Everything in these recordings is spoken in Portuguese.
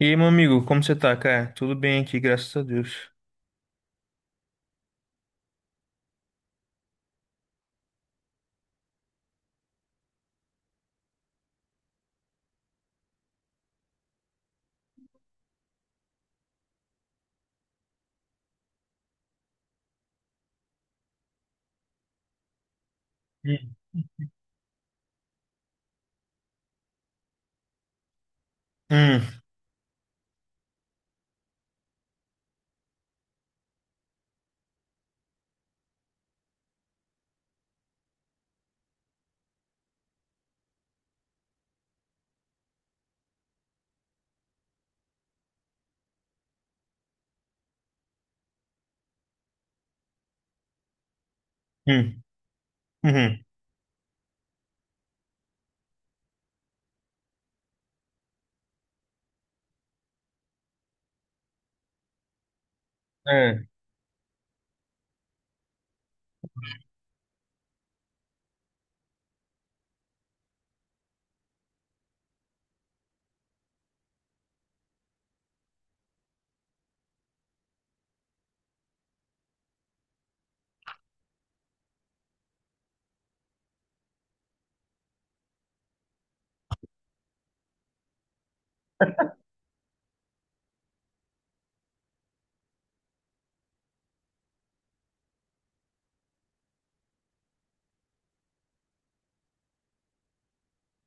E aí, meu amigo, como você tá, cara? Tudo bem aqui, graças a Deus. Hum, hum, hum, uhum. É.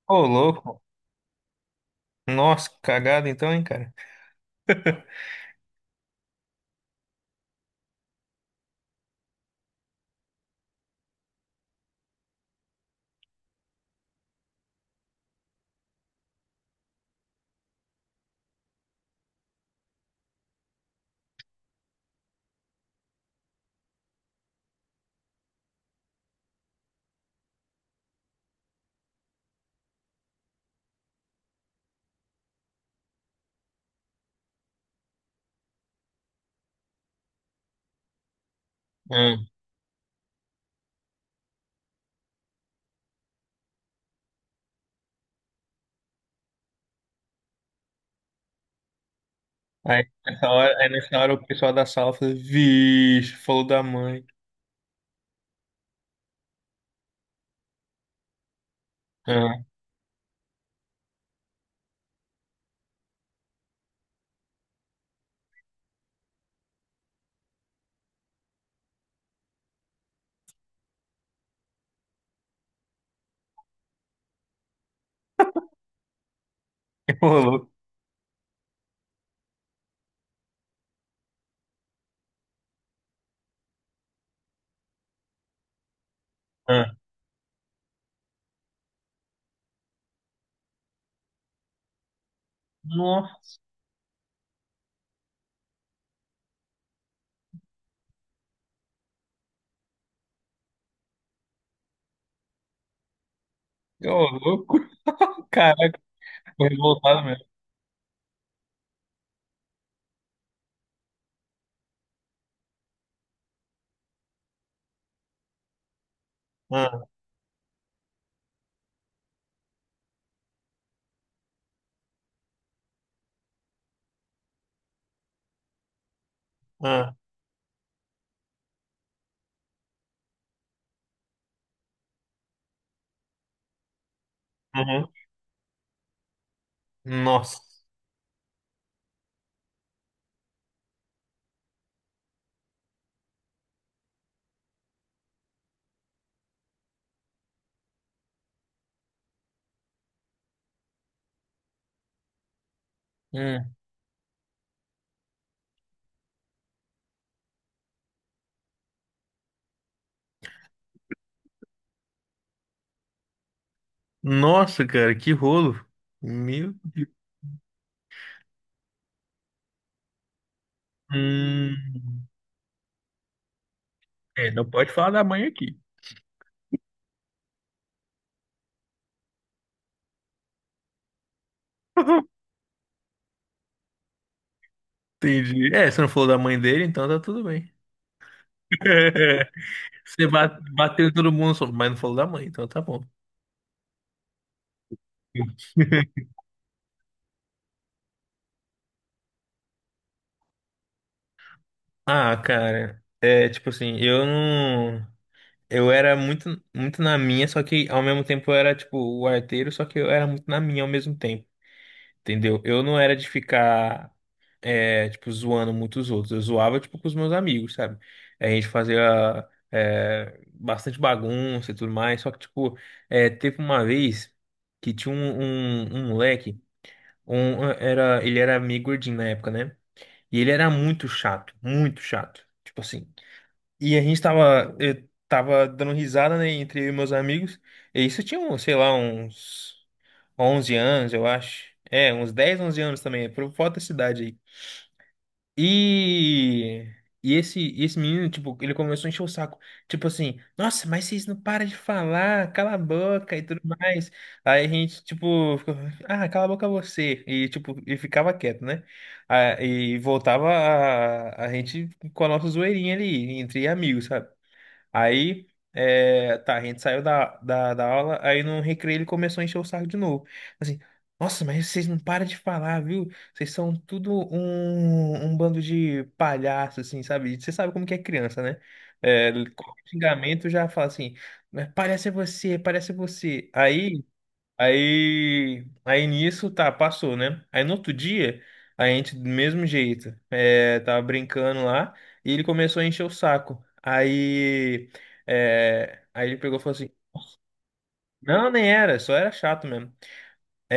Ô, louco. Nossa, que cagada então, hein, cara? Hum. Aí nessa hora o pessoal da sala falou, vixe, falou da mãe. Ah. Ô, louco. Ah. Nossa, ô, louco. Caraca, tô revoltado mesmo. Ah, ah, uhum. Nossa. Hum. Nossa, cara, que rolo. Meu Deus. Hum. É, não pode falar da mãe aqui. Entendi. É, você não falou da mãe dele, então tá tudo bem. Você bateu em todo mundo, mas não falou da mãe, então tá bom. Ah, cara, é tipo assim, eu não. Eu era muito, muito na minha, só que ao mesmo tempo eu era tipo o arteiro, só que eu era muito na minha ao mesmo tempo, entendeu? Eu não era de ficar, tipo, zoando muitos outros. Eu zoava, tipo, com os meus amigos, sabe? A gente fazia bastante bagunça e tudo mais. Só que, tipo, teve uma vez que tinha um moleque, ele era meio gordinho na época, né? E ele era muito chato, muito chato. Tipo assim. E eu tava dando risada, né, entre eu e meus amigos. E isso tinha, sei lá, uns 11 anos, eu acho. É, uns 10, 11 anos também, por volta da cidade e, e esse menino, tipo, ele começou a encher o saco. Tipo assim, nossa, mas vocês não param de falar, cala a boca e tudo mais. Aí a gente, tipo, ficou, ah, cala a boca você. E, tipo, ficava quieto, né? Ah, e voltava a gente com a nossa zoeirinha ali, entre amigos, sabe? Aí, tá, a gente saiu da aula, aí no recreio ele começou a encher o saco de novo. Assim, nossa, mas vocês não param de falar, viu? Vocês são tudo um bando de palhaços, assim, sabe? Você sabe como que é criança, né? É, qualquer xingamento já fala assim, "Mas parece você, parece você." Aí nisso, tá, passou, né? Aí no outro dia, a gente, do mesmo jeito, tava brincando lá e ele começou a encher o saco. Aí ele pegou e falou assim: Não, nem era, só era chato mesmo.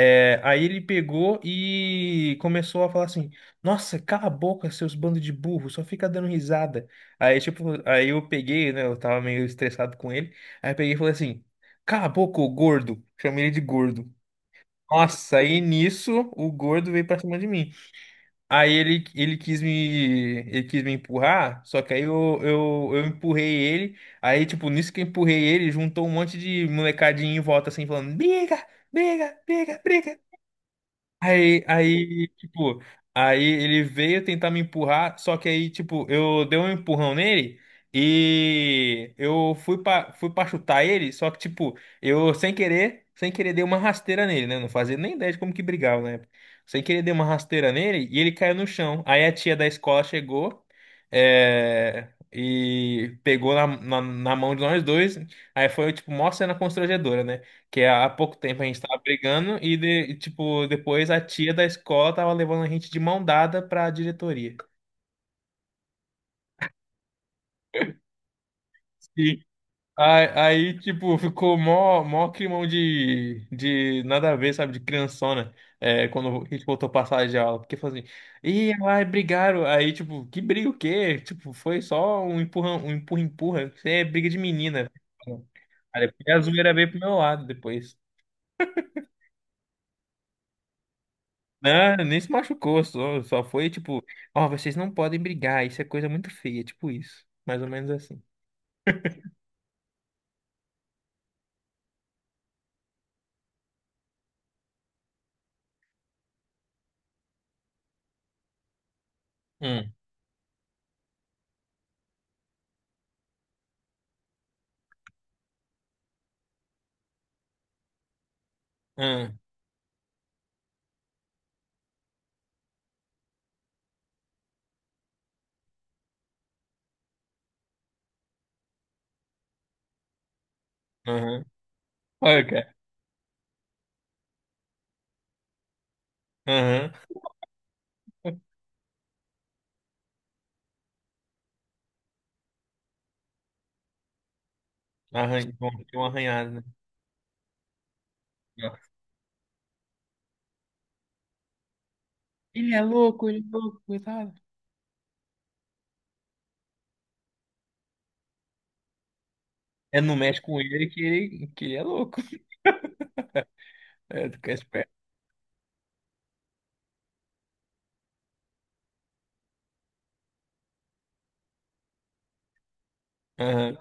É, aí ele pegou e começou a falar assim: Nossa, cala a boca, seus bandos de burro, só fica dando risada. Aí, tipo, aí eu peguei, né? Eu tava meio estressado com ele. Aí eu peguei e falei assim: Cala a boca, ô gordo. Chamei ele de gordo. Nossa, aí nisso o gordo veio pra cima de mim. Aí ele quis me empurrar, só que aí eu empurrei ele. Aí, tipo, nisso que eu empurrei ele, juntou um monte de molecadinho em volta assim, falando: briga, briga, briga, briga. Aí, aí, tipo, aí ele veio tentar me empurrar, só que aí, tipo, eu dei um empurrão nele e eu fui pra, chutar ele, só que, tipo, eu sem querer, sem querer dei uma rasteira nele, né? Não fazia nem ideia de como que brigava na época. Sem querer dei uma rasteira nele e ele caiu no chão. Aí a tia da escola chegou, e pegou na mão de nós dois. Aí foi, tipo, mó cena constrangedora, né? Que há pouco tempo a gente tava brigando e, tipo, depois a tia da escola tava levando a gente de mão dada pra diretoria. e aí, tipo, ficou mó, mó climão de nada a ver, sabe? De criançona, quando a gente voltou pra sala de aula. Porque falou assim, ih, ai, brigaram. Aí, tipo, que briga o quê? Tipo, foi só um empurra, empurra. Isso é briga de menina. Aí depois a zoeira veio pro meu lado depois. Né? Nem se machucou, só foi tipo, ó, vocês não podem brigar, isso é coisa muito feia, tipo isso. Mais ou menos assim. Hum, hum, aham. Olha, cara. Aham. Bom, deu uma arranhada, né? Ele é louco, coitado. É, não mexe com ele que que ele é louco. É, tu quer esperto. Aham.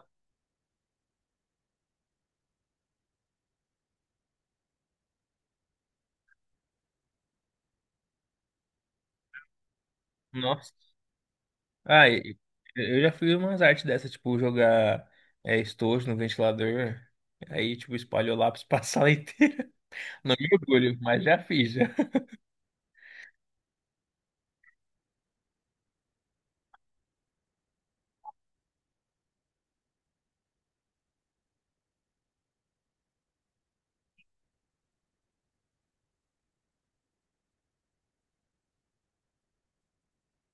Nossa. Ah, eu já fiz umas artes dessas, tipo, jogar estojo no ventilador. Aí, tipo, espalhou lá pra a sala inteira. Não me orgulho, mas já fiz, já.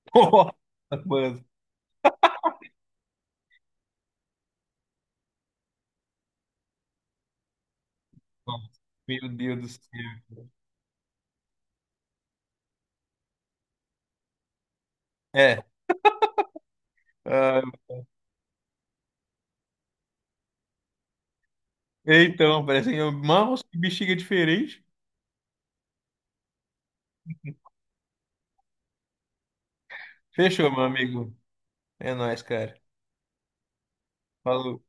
Nossa, mano. Meu Deus do céu. É. Ah, então, parecem mãos e bexiga diferente. Fechou, meu amigo. É nóis, cara. Falou.